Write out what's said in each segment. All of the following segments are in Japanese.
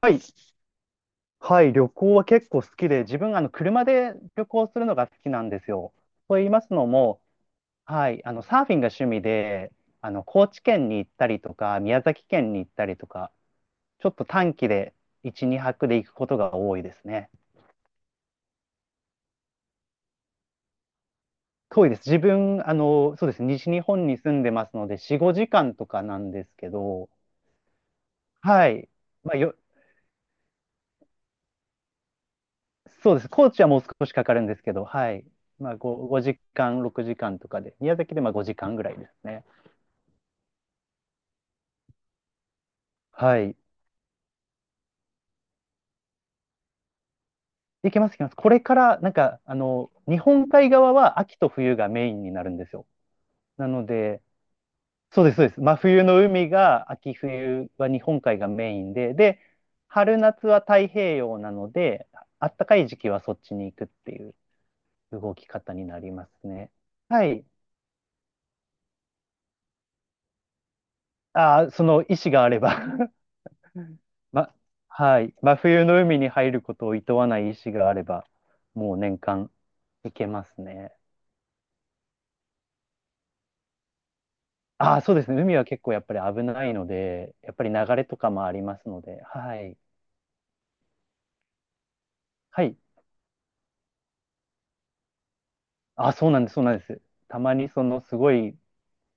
はい。はい。旅行は結構好きで、自分、車で旅行するのが好きなんですよ。と言いますのも、はい。サーフィンが趣味で、高知県に行ったりとか、宮崎県に行ったりとか、ちょっと短期で1、2泊で行くことが多いですね。遠いです。自分、そうです。西日本に住んでますので、4、5時間とかなんですけど、はい。まあ、そうです。高知はもう少しかかるんですけど、はい。まあ、5、時間、6時間とかで、宮崎でまあ5時間ぐらいですね。はい。いけます、いけます。これから、なんか、日本海側は秋と冬がメインになるんですよ。なので、そうです、そうです。真冬の海が、秋冬は日本海がメインで、で、春夏は太平洋なので、あったかい時期はそっちに行くっていう動き方になりますね。はい。ああ、その意思があれば。 ま、はい。真冬の海に入ることを厭わない意思があれば、もう年間行けますね。ああ、そうですね。海は結構やっぱり危ないので、やっぱり流れとかもありますので、はい。はい。あ、そうなんです、そうなんです。たまにそのすごい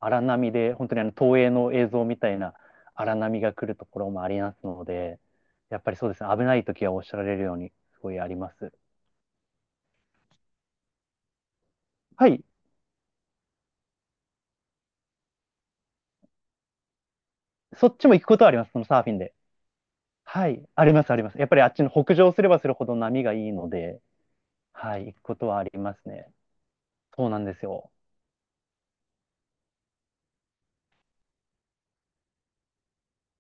荒波で、本当にあの東映の映像みたいな荒波が来るところもありますので、やっぱりそうですね。危ない時はおっしゃられるように、すごいあります。はい。そっちも行くことはあります、そのサーフィンで。はい。あります、あります。やっぱりあっちの北上すればするほど波がいいので、はい。行くことはありますね。そうなんですよ。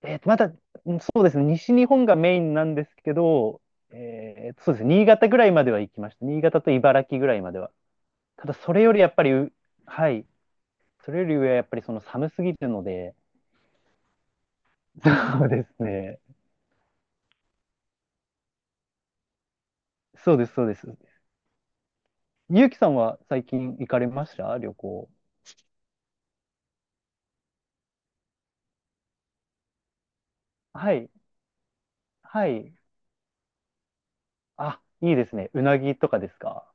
えーと、まだ、うん、そうですね、西日本がメインなんですけど、そうですね、新潟ぐらいまでは行きました。新潟と茨城ぐらいまでは。ただ、それよりやっぱりう、はい、それより上はやっぱりその寒すぎるので、そうですね、そうです、そうです。ゆうきさんは最近行かれました旅行？はい、はい。あ、いいですね。うなぎとかですか？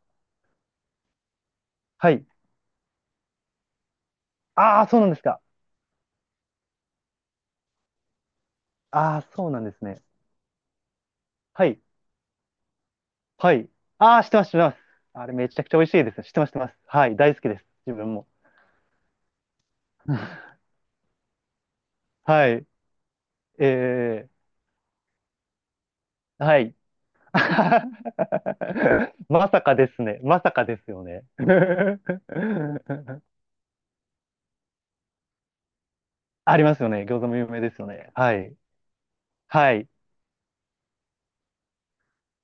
はい。ああ、そうなんですか？ああ、そうなんですね。はい。はい。ああ、知ってます、知ってます。あれめちゃくちゃ美味しいですね。知ってます、知ってます。はい。大好きです。自分も。はい。えはい。まさかですね。まさかですよね。ありますよね。餃子も有名ですよね。はい。はい。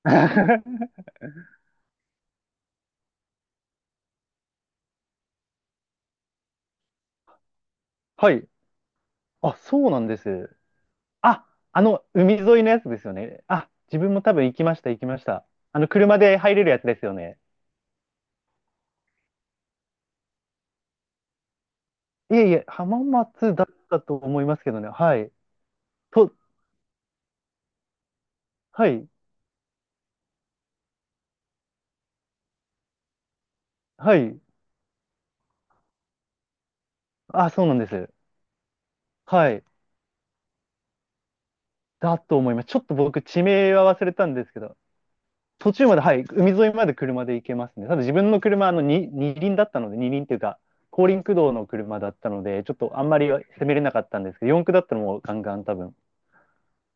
はい。あ、そうなんです。あ、あ、海沿いのやつですよね。あ、自分も多分行きました、行きました。車で入れるやつですよね。いえいえ、浜松だったと思いますけどね。はい。と、はい、はい。あ、そうなんです。はい。だと思います。ちょっと僕、地名は忘れたんですけど、途中まで、はい、海沿いまで車で行けますね。ただ自分の車、に二輪だったので、二輪っていうか、後輪駆動の車だったので、ちょっとあんまり攻めれなかったんですけど、四駆だったらもうガンガン多分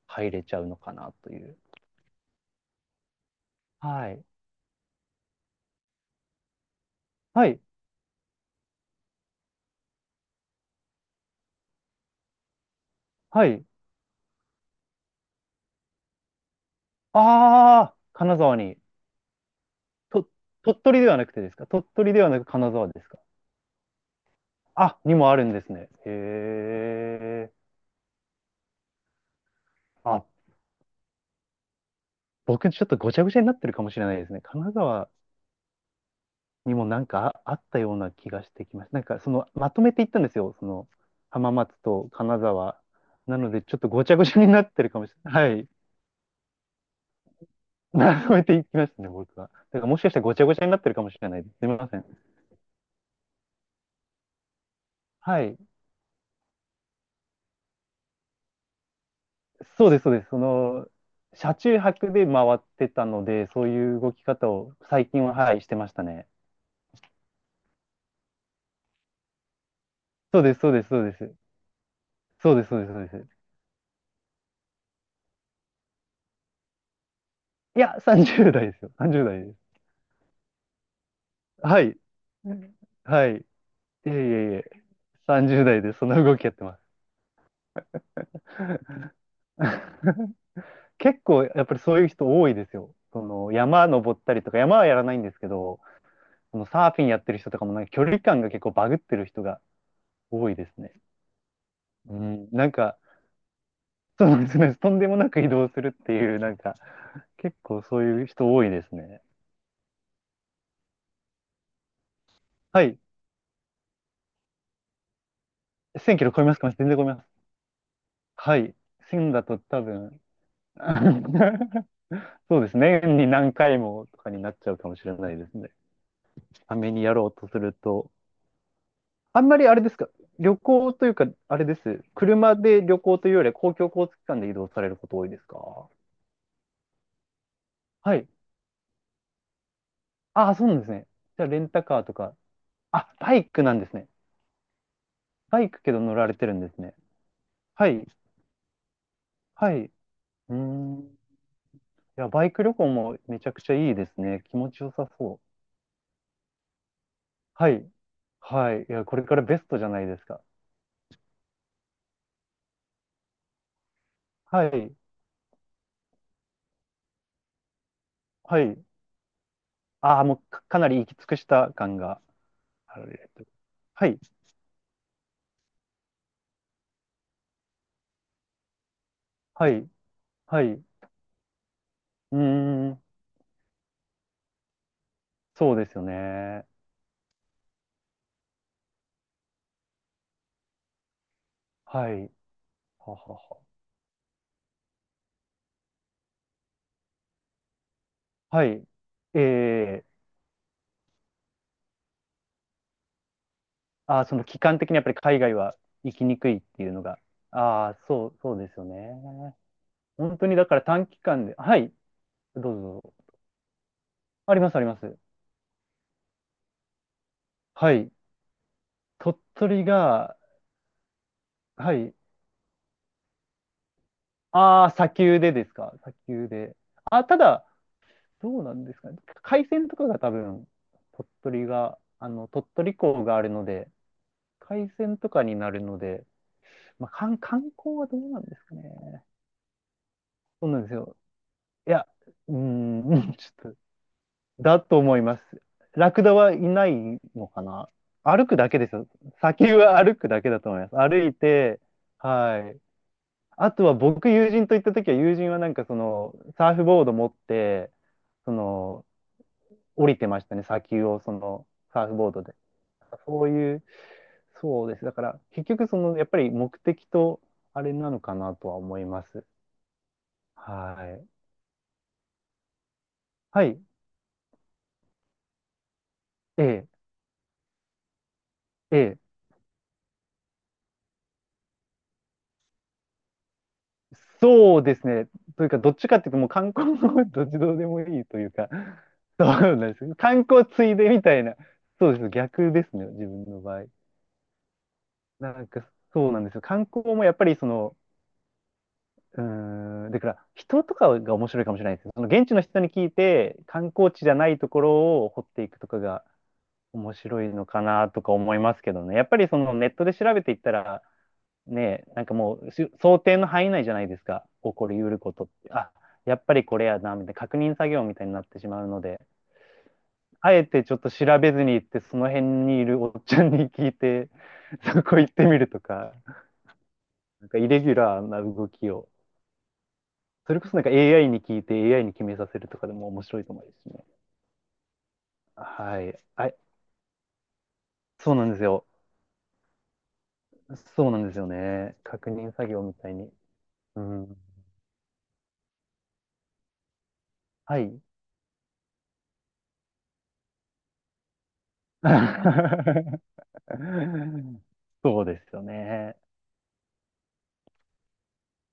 入れちゃうのかなという。はい。はい。はい。ああ、金沢に。と、鳥取ではなくてですか？鳥取ではなく金沢ですか？あ、にもあるんですね。へえ。あ、僕ちょっとごちゃごちゃになってるかもしれないですね。神奈川にもなんかあったような気がしてきました。なんかそのまとめていったんですよ。その浜松と金沢。なのでちょっとごちゃごちゃになってるかもしれない。はい。まとめていきましたね、僕は。だからもしかしたらごちゃごちゃになってるかもしれないです。すみません。はい。そうです、そうです。車中泊で回ってたので、そういう動き方を最近は、はい、してましたね。そうです、そうです、そうです。そうです、そうです、そうです。いや、30代ですよ。30代です。はい。はい。いえいえいえ。30代でその動きやってます。結構やっぱりそういう人多いですよ。その山登ったりとか、山はやらないんですけど、そのサーフィンやってる人とかもなんか距離感が結構バグってる人が多いですね。うん、なんか、そうですね、とんでもなく移動するっていう、なんか、結構そういう人多いですね。はい。1000キロ超えますか？全然超えます。はい。1000だと多分、そうですね。年に何回もとかになっちゃうかもしれないですね。ためにやろうとすると。あんまりあれですか、旅行というか、あれです。車で旅行というよりは公共交通機関で移動されること多いですか？はい。ああ、そうなんですね。じゃあ、レンタカーとか。あ、バイクなんですね。バイクけど乗られてるんですね。はい。はい。うーん。いや、バイク旅行もめちゃくちゃいいですね。気持ちよさそう。はい。はい。いや、これからベストじゃないですか。はい。はい。ああ、もう、かなり行き尽くした感がある。はい、はい、はい。うーん、そうですよね。はい。ははは。はい。ええ、ああ、その期間的にやっぱり海外は行きにくいっていうのが。ああ、そう、そうですよね。本当にだから短期間で、はい、どうぞどうぞ。あります、あります。はい。鳥取が、はい。ああ、砂丘でですか？砂丘で。あ、ただ、どうなんですかね。海鮮とかが多分、鳥取が、鳥取港があるので、海鮮とかになるので、まあ、観観光はどうなんですかね。そうなんですよ。いや、うーん、ちょっと、だと思います。ラクダはいないのかな。歩くだけですよ。砂丘は歩くだけだと思います。歩いて、はい。あとは僕、友人と行った時は、友人はなんかその、サーフボード持って、その、降りてましたね、砂丘をその、サーフボードで。そういう、そうです。だから、結局、その、やっぱり目的と、あれなのかなとは思います。はい。はい。ええ、ええ。そうですね。というか、どっちかっていうと、もう観光の どっちどうでもいいというか、そうなんですよ。観光ついでみたいな、そうです。逆ですね、自分の場合。なんか、そうなんですよ。観光もやっぱり、その、うーん、だから、人とかが面白いかもしれないです。その現地の人に聞いて、観光地じゃないところを掘っていくとかが、面白いのかなとか思いますけどね。やっぱりそのネットで調べていったら、ね、なんかもうし想定の範囲内じゃないですか。起こりうることって。あ、やっぱりこれやな、みたいな確認作業みたいになってしまうので、あえてちょっと調べずに行って、その辺にいるおっちゃんに聞いて、そこ行ってみるとか、なんかイレギュラーな動きを、それこそなんか AI に聞いて AI に決めさせるとかでも面白いと思いますしね。はい。あ、そうなんですよ。そうなんですよね。確認作業みたいに。うん。はい。そうですよね。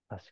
確か